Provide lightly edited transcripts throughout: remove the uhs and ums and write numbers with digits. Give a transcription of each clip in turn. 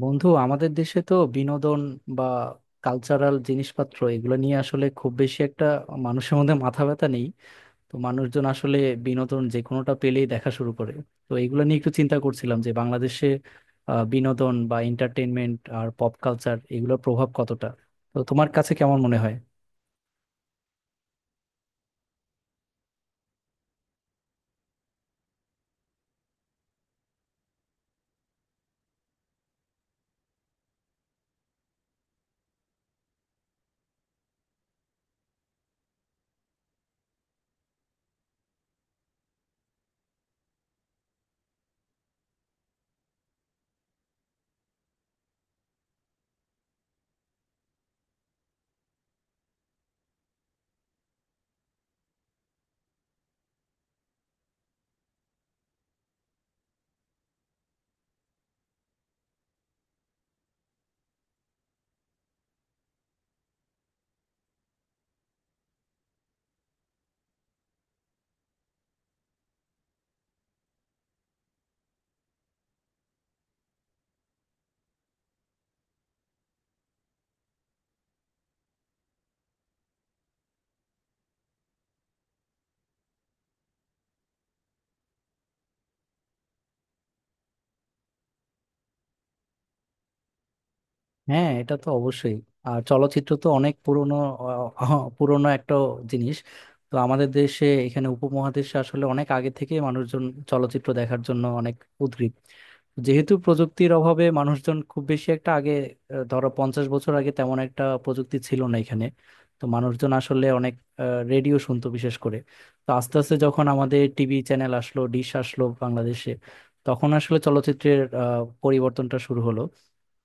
বন্ধু আমাদের দেশে তো বিনোদন বা কালচারাল জিনিসপত্র এগুলো নিয়ে আসলে খুব বেশি একটা মানুষের মধ্যে মাথা ব্যথা নেই। তো মানুষজন আসলে বিনোদন যে কোনোটা পেলেই দেখা শুরু করে। তো এগুলো নিয়ে একটু চিন্তা করছিলাম যে বাংলাদেশে বিনোদন বা এন্টারটেনমেন্ট আর পপ কালচার এগুলোর প্রভাব কতটা, তো তোমার কাছে কেমন মনে হয়? হ্যাঁ, এটা তো অবশ্যই। আর চলচ্চিত্র তো অনেক পুরনো, পুরনো একটা জিনিস। তো আমাদের দেশে এখানে উপমহাদেশে আসলে অনেক আগে থেকে মানুষজন চলচ্চিত্র দেখার জন্য অনেক উদগ্রীব। যেহেতু প্রযুক্তির অভাবে মানুষজন খুব বেশি একটা আগে, ধরো 50 বছর আগে তেমন একটা প্রযুক্তি ছিল না এখানে। তো মানুষজন আসলে অনেক রেডিও শুনতো বিশেষ করে। তো আস্তে আস্তে যখন আমাদের টিভি চ্যানেল আসলো, ডিশ আসলো বাংলাদেশে, তখন আসলে চলচ্চিত্রের পরিবর্তনটা শুরু হলো।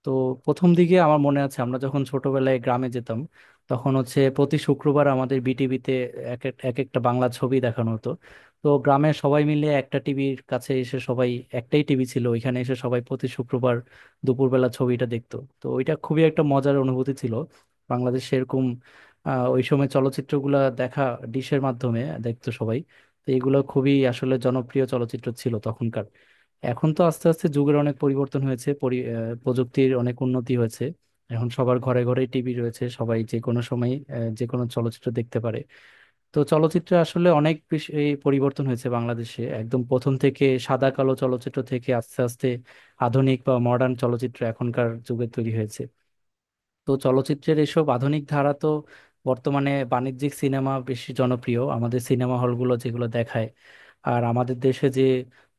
তো প্রথম দিকে আমার মনে আছে আমরা যখন ছোটবেলায় গ্রামে যেতাম, তখন হচ্ছে প্রতি শুক্রবার আমাদের বিটিভিতে এক এক এক একটা বাংলা ছবি দেখানো হতো। তো গ্রামের সবাই মিলে একটা টিভির কাছে এসে সবাই, একটাই টিভি ছিল ওইখানে এসে সবাই প্রতি শুক্রবার দুপুরবেলা ছবিটা দেখতো। তো ওইটা খুবই একটা মজার অনুভূতি ছিল বাংলাদেশে এরকম, ওই সময় চলচ্চিত্রগুলা দেখা, ডিশের মাধ্যমে দেখতো সবাই। তো এগুলো খুবই আসলে জনপ্রিয় চলচ্চিত্র ছিল তখনকার। এখন তো আস্তে আস্তে যুগের অনেক পরিবর্তন হয়েছে, প্রযুক্তির অনেক উন্নতি হয়েছে। এখন সবার ঘরে ঘরে টিভি রয়েছে, সবাই যে কোনো সময় যে কোনো চলচ্চিত্র দেখতে পারে। তো চলচ্চিত্রে আসলে অনেক বেশি এই পরিবর্তন হয়েছে বাংলাদেশে, একদম প্রথম থেকে সাদা কালো চলচ্চিত্র থেকে আস্তে আস্তে আধুনিক বা মডার্ন চলচ্চিত্র এখনকার যুগে তৈরি হয়েছে। তো চলচ্চিত্রের এসব আধুনিক ধারা তো বর্তমানে বাণিজ্যিক সিনেমা বেশি জনপ্রিয়, আমাদের সিনেমা হলগুলো যেগুলো দেখায়। আর আমাদের দেশে যে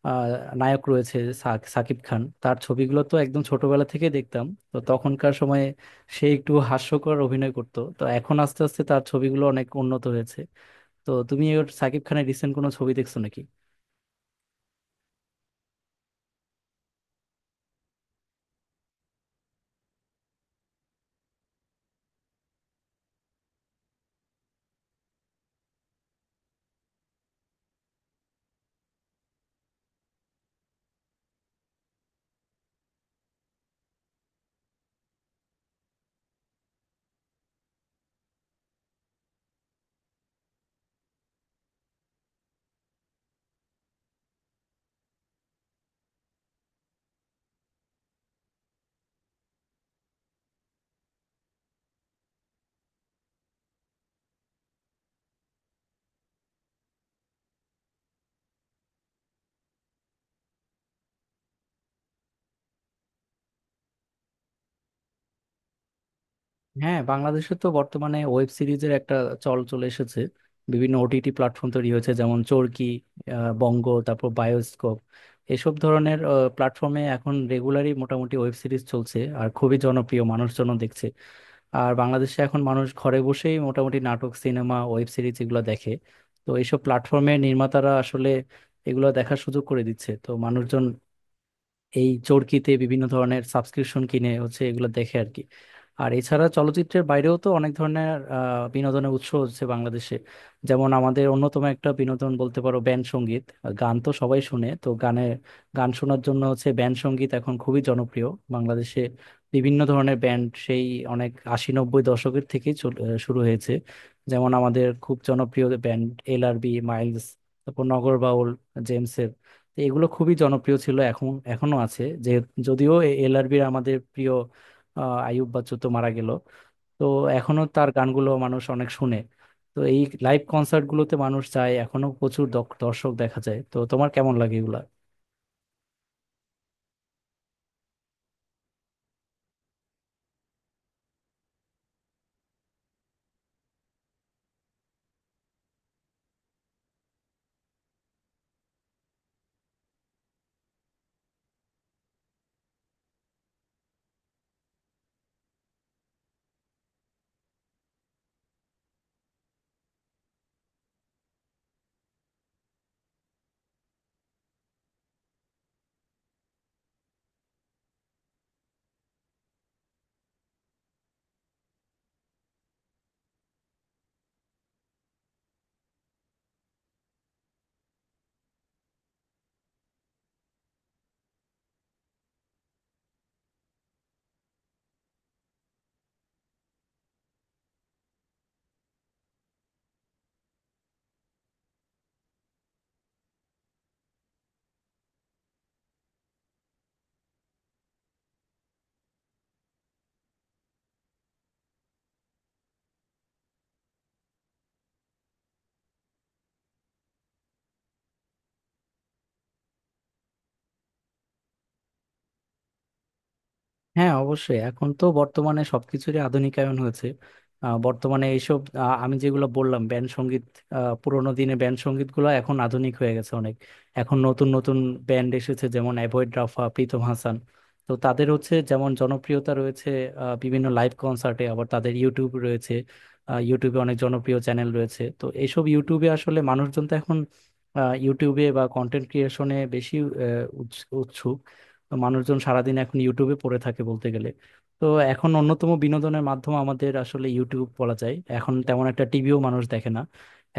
আহ, নায়ক রয়েছে সাকিব খান, তার ছবিগুলো তো একদম ছোটবেলা থেকে দেখতাম। তো তখনকার সময়ে সে একটু হাস্যকর অভিনয় করতো, তো এখন আস্তে আস্তে তার ছবিগুলো অনেক উন্নত হয়েছে। তো তুমি ওর, সাকিব খানের রিসেন্ট কোনো ছবি দেখছো নাকি? হ্যাঁ, বাংলাদেশে তো বর্তমানে ওয়েব সিরিজের একটা চল চলে এসেছে। বিভিন্ন ওটিটি প্ল্যাটফর্ম তৈরি হয়েছে, যেমন চরকি, বঙ্গ, তারপর বায়োস্কোপ, এসব ধরনের প্ল্যাটফর্মে এখন রেগুলারই মোটামুটি ওয়েব সিরিজ চলছে আর খুবই জনপ্রিয়, মানুষজন দেখছে। আর বাংলাদেশে এখন মানুষ ঘরে বসেই মোটামুটি নাটক, সিনেমা, ওয়েব সিরিজ এগুলো দেখে। তো এইসব প্ল্যাটফর্মে নির্মাতারা আসলে এগুলো দেখার সুযোগ করে দিচ্ছে, তো মানুষজন এই চরকিতে বিভিন্ন ধরনের সাবস্ক্রিপশন কিনে হচ্ছে এগুলো দেখে আর কি। আর এছাড়া চলচ্চিত্রের বাইরেও তো অনেক ধরনের বিনোদনের উৎস হচ্ছে বাংলাদেশে। যেমন আমাদের অন্যতম একটা বিনোদন বলতে পারো ব্যান্ড সঙ্গীত। গান তো সবাই শুনে, তো গানের, গান শোনার জন্য হচ্ছে ব্যান্ড সঙ্গীত এখন খুবই জনপ্রিয় বাংলাদেশে। বিভিন্ন ধরনের ব্যান্ড, সেই অনেক 80-90 দশকের থেকেই শুরু হয়েছে। যেমন আমাদের খুব জনপ্রিয় ব্যান্ড এলআরবি, মাইলস, তারপর নগরবাউল, জেমসের। তো এগুলো খুবই জনপ্রিয় ছিল, এখন এখনো আছে যে, যদিও এলআরবির আমাদের প্রিয় আইয়ুব বাচ্চু তো মারা গেল। তো এখনো তার গানগুলো মানুষ অনেক শুনে। তো এই লাইভ কনসার্ট গুলোতে মানুষ যায় এখনো, প্রচুর দর্শক দেখা যায়। তো তোমার কেমন লাগে এগুলা? হ্যাঁ, অবশ্যই এখন তো বর্তমানে সবকিছুরই আধুনিকায়ন হয়েছে। বর্তমানে এইসব আমি যেগুলো বললাম ব্যান্ড সঙ্গীত, পুরোনো দিনে ব্যান্ড সঙ্গীত গুলো এখন আধুনিক হয়ে গেছে অনেক। এখন নতুন নতুন ব্যান্ড এসেছে, যেমন অ্যাভয়েড, রাফা, প্রীতম হাসান। তো তাদের হচ্ছে যেমন জনপ্রিয়তা রয়েছে, বিভিন্ন লাইভ কনসার্টে, আবার তাদের ইউটিউব রয়েছে। ইউটিউবে অনেক জনপ্রিয় চ্যানেল রয়েছে, তো এইসব ইউটিউবে আসলে মানুষজন তো এখন ইউটিউবে বা কন্টেন্ট ক্রিয়েশনে বেশি উৎসুক। মানুষজন সারাদিন এখন ইউটিউবে পড়ে থাকে বলতে গেলে। তো এখন অন্যতম বিনোদনের মাধ্যম আমাদের আসলে ইউটিউব বলা যায়, এখন তেমন একটা টিভিও মানুষ দেখে না,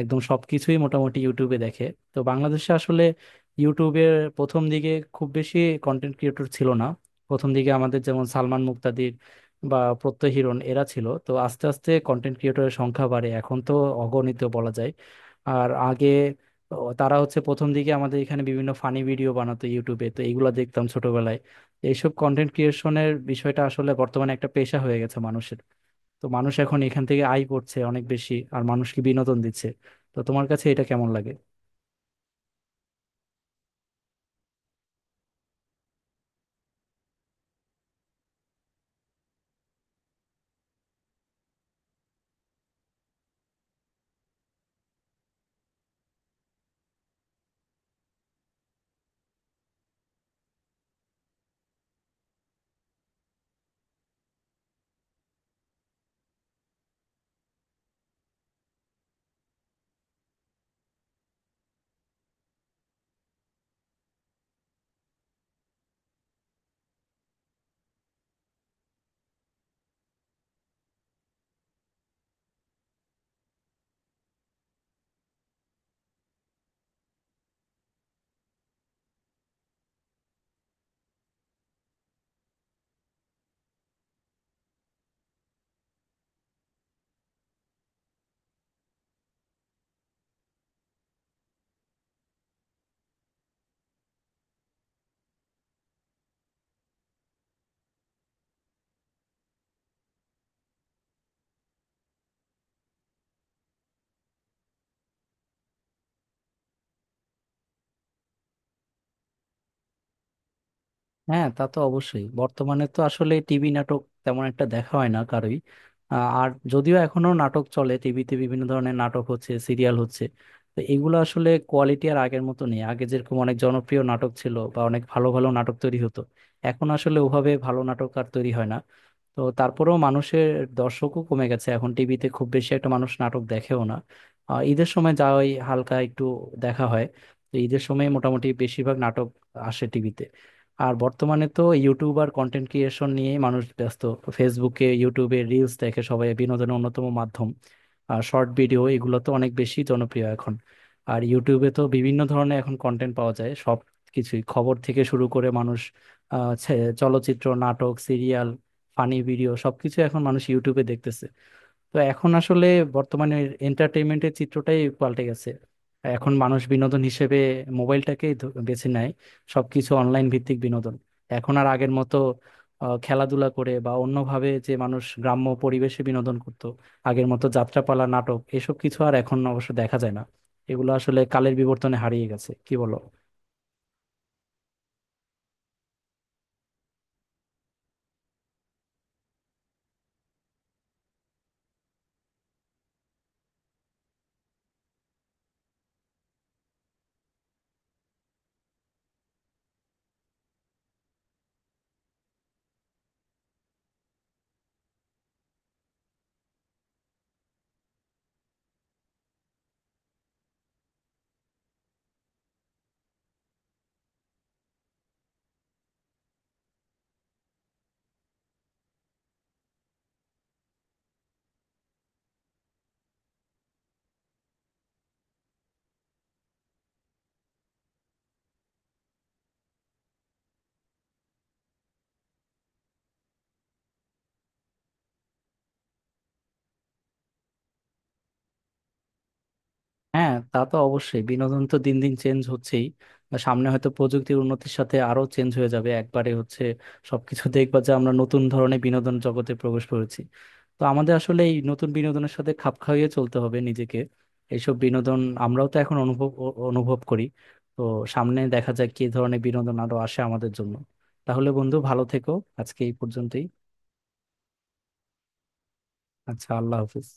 একদম সবকিছুই মোটামুটি ইউটিউবে দেখে। তো বাংলাদেশে আসলে ইউটিউবের প্রথম দিকে খুব বেশি কন্টেন্ট ক্রিয়েটর ছিল না। প্রথম দিকে আমাদের যেমন সালমান মুক্তাদির বা প্রত্যয় হিরণ এরা ছিল, তো আস্তে আস্তে কন্টেন্ট ক্রিয়েটরের সংখ্যা বাড়ে, এখন তো অগণিত বলা যায়। আর আগে তো তারা হচ্ছে প্রথম দিকে আমাদের এখানে বিভিন্ন ফানি ভিডিও বানাতো ইউটিউবে, তো এইগুলো দেখতাম ছোটবেলায়। তো এইসব কন্টেন্ট ক্রিয়েশনের বিষয়টা আসলে বর্তমানে একটা পেশা হয়ে গেছে মানুষের। তো মানুষ এখন এখান থেকে আয় করছে অনেক বেশি আর মানুষকে বিনোদন দিচ্ছে। তো তোমার কাছে এটা কেমন লাগে? হ্যাঁ, তা তো অবশ্যই, বর্তমানে তো আসলে টিভি নাটক তেমন একটা দেখা হয় না কারোই। আর যদিও এখনো নাটক চলে টিভিতে, বিভিন্ন ধরনের নাটক হচ্ছে, সিরিয়াল হচ্ছে, তো এগুলো আসলে কোয়ালিটি আর আগের মতো নেই। আগে যেরকম অনেক জনপ্রিয় নাটক ছিল বা অনেক ভালো ভালো নাটক তৈরি হতো, এখন আসলে ওভাবে ভালো নাটক আর তৈরি হয় না। তো তারপরেও মানুষের, দর্শকও কমে গেছে, এখন টিভিতে খুব বেশি একটা মানুষ নাটক দেখেও না। ঈদের সময় যা হয় হালকা একটু দেখা হয়, তো ঈদের সময় মোটামুটি বেশিরভাগ নাটক আসে টিভিতে। আর বর্তমানে তো ইউটিউব আর কন্টেন্ট ক্রিয়েশন নিয়ে মানুষ ব্যস্ত। ফেসবুকে, ইউটিউবে রিলস দেখে সবাই বিনোদনের অন্যতম মাধ্যম। আর শর্ট ভিডিও এগুলো তো অনেক বেশি জনপ্রিয় এখন। আর ইউটিউবে তো বিভিন্ন ধরনের এখন কন্টেন্ট পাওয়া যায়, সব কিছুই খবর থেকে শুরু করে মানুষ চলচ্চিত্র, নাটক, সিরিয়াল, ফানি ভিডিও সবকিছু এখন মানুষ ইউটিউবে দেখতেছে। তো এখন আসলে বর্তমানে এন্টারটেইনমেন্টের চিত্রটাই পাল্টে গেছে। এখন মানুষ বিনোদন হিসেবে মোবাইলটাকেই বেছে নেয়, সবকিছু অনলাইন ভিত্তিক বিনোদন। এখন আর আগের মতো খেলাধুলা করে বা অন্যভাবে যে মানুষ গ্রাম্য পরিবেশে বিনোদন করত, আগের মতো যাত্রাপালা, নাটক এসব কিছু আর এখন অবশ্য দেখা যায় না। এগুলো আসলে কালের বিবর্তনে হারিয়ে গেছে, কি বলো? হ্যাঁ, তা তো অবশ্যই, বিনোদন তো দিন দিন চেঞ্জ হচ্ছেই। আর সামনে হয়তো প্রযুক্তির উন্নতির সাথে আরো চেঞ্জ হয়ে যাবে একবারে, হচ্ছে সবকিছু দেখবা যে আমরা নতুন ধরনের বিনোদন জগতে প্রবেশ করেছি। তো আমাদের আসলে এই নতুন বিনোদনের সাথে খাপ খাইয়ে চলতে হবে নিজেকে। এইসব বিনোদন আমরাও তো এখন অনুভব করি। তো সামনে দেখা যাক কি ধরনের বিনোদন আরো আসে আমাদের জন্য। তাহলে বন্ধু ভালো থেকো, আজকে এই পর্যন্তই। আচ্ছা, আল্লাহ হাফিজ।